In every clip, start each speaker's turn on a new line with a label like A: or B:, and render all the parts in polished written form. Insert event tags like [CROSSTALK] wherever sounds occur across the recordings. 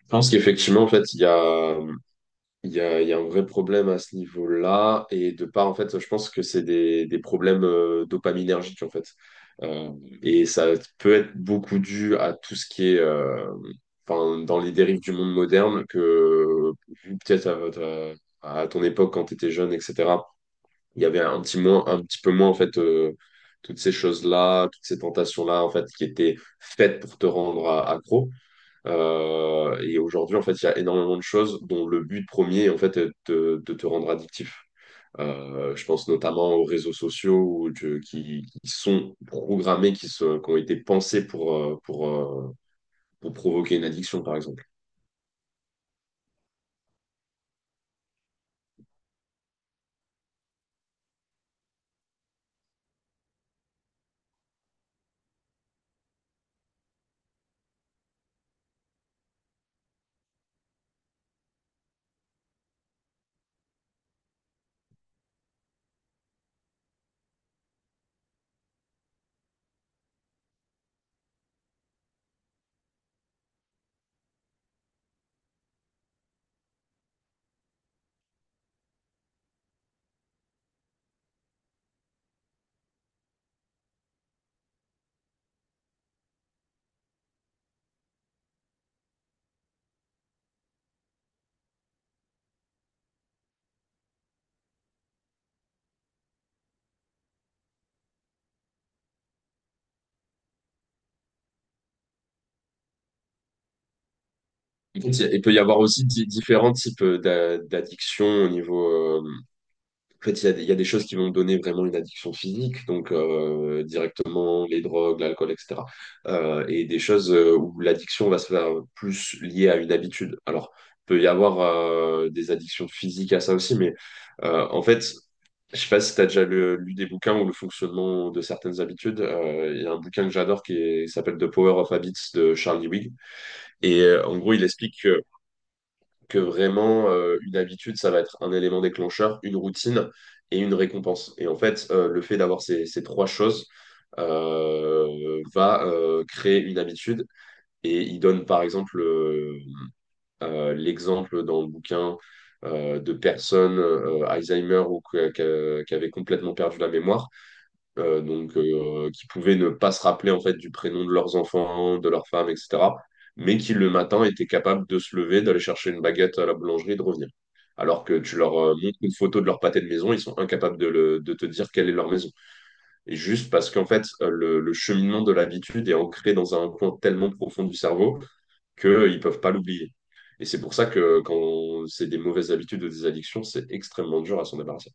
A: Je pense qu'effectivement, en fait, il y a, il y a, il y a un vrai problème à ce niveau-là. Et de part, en fait, je pense que c'est des problèmes dopaminergiques, en fait. Euh, et ça peut être beaucoup dû à tout ce qui est enfin, dans les dérives du monde moderne, que peut-être à votre, à ton époque, quand tu étais jeune, etc., il y avait un petit, moins, un petit peu moins, en fait, toutes ces choses-là, toutes ces tentations-là, en fait, qui étaient faites pour te rendre accro. Et aujourd'hui, en fait, il y a énormément de choses dont le but premier, en fait, est de te rendre addictif. Je pense notamment aux réseaux sociaux ou qui sont programmés, qui ont été pensés pour provoquer une addiction, par exemple. Il peut y avoir aussi différents types d'addictions au niveau. euh, En fait, il y a des choses qui vont donner vraiment une addiction physique, donc directement les drogues, l'alcool, etc. Et des choses où l'addiction va se faire plus liée à une habitude. Alors, il peut y avoir des addictions physiques à ça aussi, mais en fait, je sais pas si tu as déjà lu des bouquins ou le fonctionnement de certaines habitudes. Il y a un bouquin que j'adore qui s'appelle The Power of Habits de Charles Duhigg. Et en gros, il explique que vraiment une habitude, ça va être un élément déclencheur, une routine et une récompense. Et en fait, le fait d'avoir ces trois choses va créer une habitude. Et il donne par exemple l'exemple dans le bouquin de personnes Alzheimer ou qui avaient complètement perdu la mémoire, donc qui pouvaient ne pas se rappeler en fait du prénom de leurs enfants, de leurs femmes, etc., mais qui le matin étaient capables de se lever, d'aller chercher une baguette à la boulangerie et de revenir. Alors que tu leur montres une photo de leur pâté de maison, ils sont incapables de te dire quelle est leur maison. Et juste parce qu'en fait, le cheminement de l'habitude est ancré dans un coin tellement profond du cerveau qu'ils ne peuvent pas l'oublier. Et c'est pour ça que quand c'est des mauvaises habitudes ou des addictions, c'est extrêmement dur à s'en débarrasser.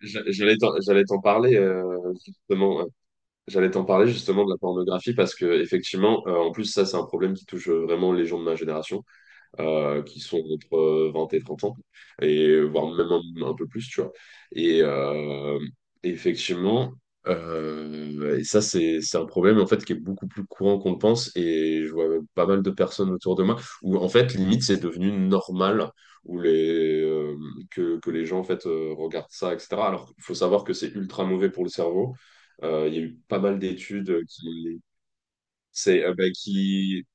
A: J'allais t'en parler justement. J'allais t'en parler justement de la pornographie parce que effectivement, en plus ça c'est un problème qui touche vraiment les gens de ma génération qui sont entre 20 et 30 ans, et voire même un peu plus, tu vois. Et effectivement, et ça, c'est un problème en fait qui est beaucoup plus courant qu'on le pense, et je vois pas mal de personnes autour de moi où en fait, limite, c'est devenu normal où que les gens en fait regardent ça, etc. Alors, il faut savoir que c'est ultra mauvais pour le cerveau. Il y a eu pas mal d'études qui, c'est, bah, qui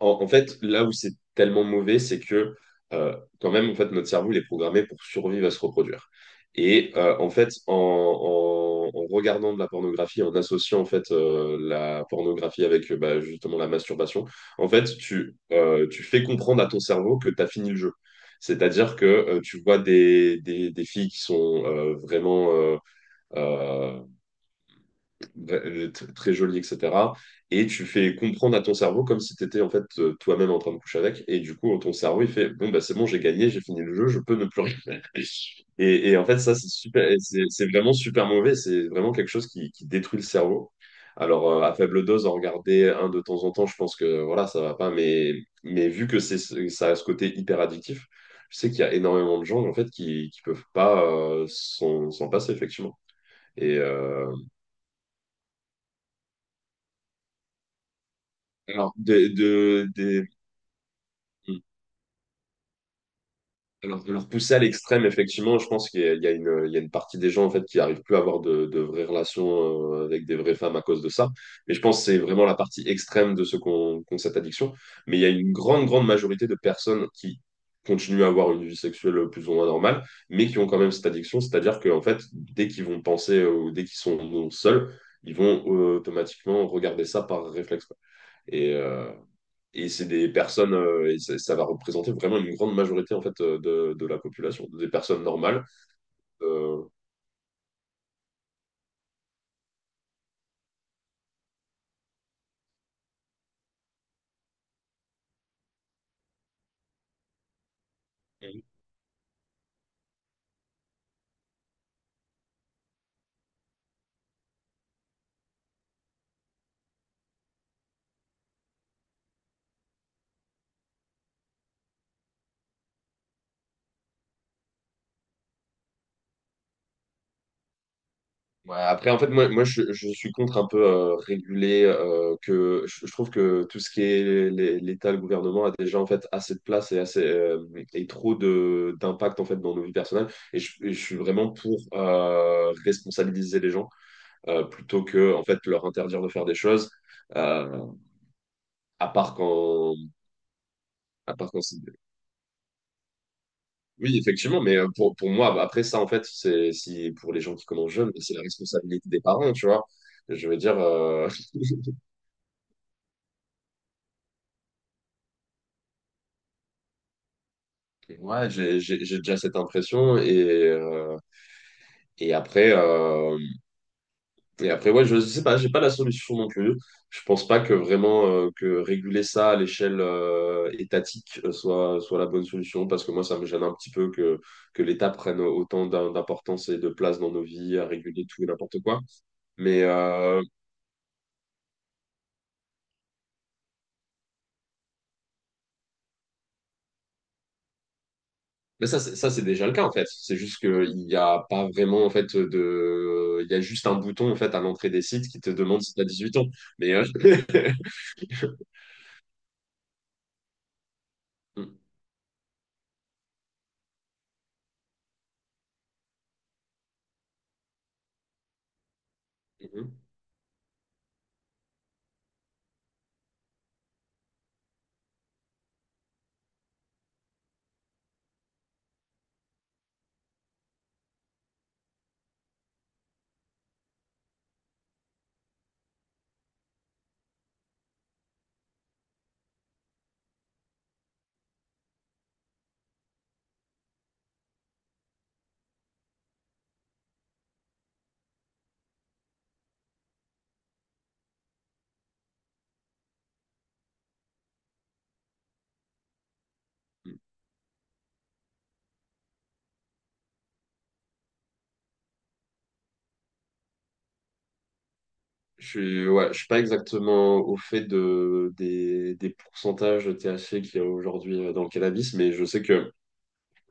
A: en, fait, là où c'est tellement mauvais, c'est que euh, quand même, en fait, notre cerveau, il est programmé pour survivre à se reproduire. Et en fait, en regardant de la pornographie, en associant en fait la pornographie avec bah, justement la masturbation, en fait, tu fais comprendre à ton cerveau que tu as fini le jeu. C'est-à-dire que tu vois des filles qui sont vraiment euh, très joli, etc. Et tu fais comprendre à ton cerveau comme si tu étais en fait toi-même en train de coucher avec. Et du coup, ton cerveau, il fait, bon, bah, c'est bon, j'ai gagné, j'ai fini le jeu, je peux ne plus rien. Et en fait, ça, c'est super, et c'est vraiment super mauvais. C'est vraiment quelque chose qui détruit le cerveau. Alors, à faible dose, en regarder un de temps en temps, je pense que voilà, ça va pas. Mais vu que ça a ce côté hyper addictif, je sais qu'il y a énormément de gens en fait qui peuvent pas s'en passer, effectivement. Et euh, alors, des, de- des- Alors, de leur pousser à l'extrême, effectivement, je pense qu'il y a une partie des gens en fait qui n'arrivent plus à avoir de vraies relations avec des vraies femmes à cause de ça. Mais je pense que c'est vraiment la partie extrême de ceux qui ont cette addiction. Mais il y a une grande, grande majorité de personnes qui continuent à avoir une vie sexuelle plus ou moins normale, mais qui ont quand même cette addiction. C'est-à-dire que en fait, dès qu'ils vont penser ou dès qu'ils sont seuls, ils vont automatiquement regarder ça par réflexe, quoi. Et, euh, et c'est des personnes, et ça va représenter vraiment une grande majorité en fait de la population, des personnes normales. Euh, Mhm. Ouais, après, en fait, moi je suis contre un peu réguler, que je trouve que tout ce qui est l'État, le gouvernement a déjà en fait assez de place et assez et trop de d'impact en fait dans nos vies personnelles. Et je suis vraiment pour responsabiliser les gens plutôt que en fait leur interdire de faire des choses. Euh, à part quand, à part quand c'est Oui, effectivement, mais pour moi, bah, après ça, en fait, c'est si pour les gens qui commencent jeunes, c'est la responsabilité des parents, tu vois. Je veux dire, [LAUGHS] ouais, j'ai déjà cette impression euh, et après, euh, et après, ouais, je sais pas, j'ai pas la solution non plus. Je pense pas que vraiment que réguler ça à l'échelle étatique soit la bonne solution parce que moi, ça me gêne un petit peu que l'État prenne autant d'importance et de place dans nos vies à réguler tout et n'importe quoi. Mais, euh, Mais ça, c'est déjà le cas en fait. C'est juste qu'il n'y a pas vraiment en fait de. Il y a juste un bouton en fait à l'entrée des sites qui te demande si tu as 8 ans. Mais [LAUGHS] Mhm, mhm. Je suis, ouais, je suis pas exactement au fait des pourcentages THC qu'il y a aujourd'hui dans le cannabis, mais je sais que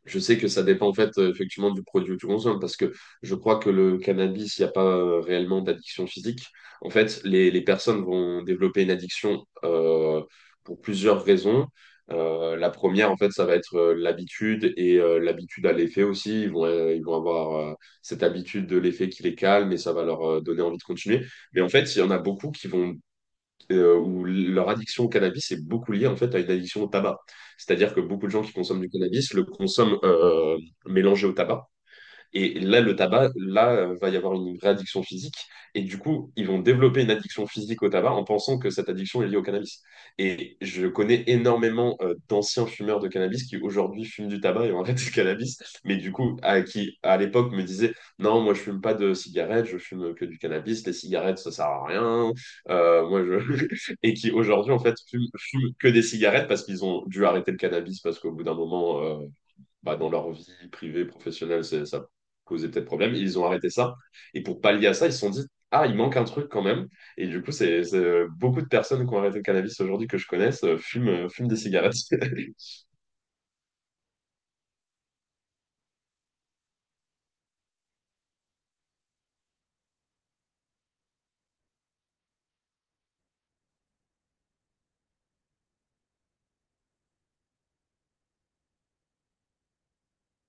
A: Je sais que ça dépend en fait effectivement du produit que tu consommes parce que je crois que le cannabis, il n'y a pas réellement d'addiction physique. En fait, les personnes vont développer une addiction pour plusieurs raisons. La première, en fait, ça va être l'habitude et l'habitude à l'effet aussi. Ils vont avoir cette habitude de l'effet qui les calme et ça va leur donner envie de continuer. Mais en fait, il y en a beaucoup qui vont où leur addiction au cannabis est beaucoup liée en fait à une addiction au tabac. C'est-à-dire que beaucoup de gens qui consomment du cannabis le consomment mélangé au tabac. Et là, le tabac, là, va y avoir une vraie addiction physique. Et du coup, ils vont développer une addiction physique au tabac en pensant que cette addiction est liée au cannabis. Et je connais énormément d'anciens fumeurs de cannabis qui aujourd'hui fument du tabac et ont arrêté le cannabis, mais du coup, qui à l'époque me disaient, non, moi, je fume pas de cigarettes, je fume que du cannabis, les cigarettes, ça sert à rien. Moi, je... [LAUGHS] et qui aujourd'hui, en fait, fument que des cigarettes parce qu'ils ont dû arrêter le cannabis parce qu'au bout d'un moment, bah, dans leur vie privée, professionnelle, ça posait peut-être problème. Ils ont arrêté ça. Et pour pallier à ça, ils se sont dit, ah, il manque un truc quand même. Et du coup, beaucoup de personnes qui ont arrêté le cannabis aujourd'hui que je connaisse fument des cigarettes. [LAUGHS]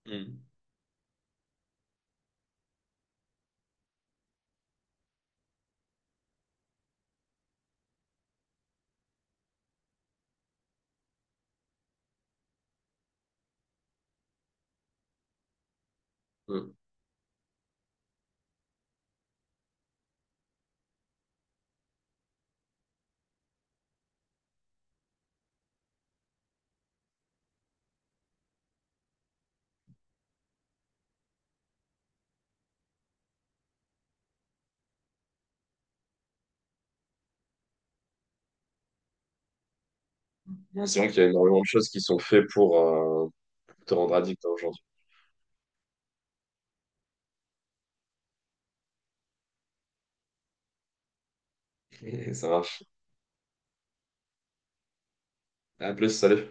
A: Mm. Mm. Non, c'est vrai qu'il y a énormément de choses qui sont faites pour te rendre addict hein, aujourd'hui. Et ça marche. À plus, salut.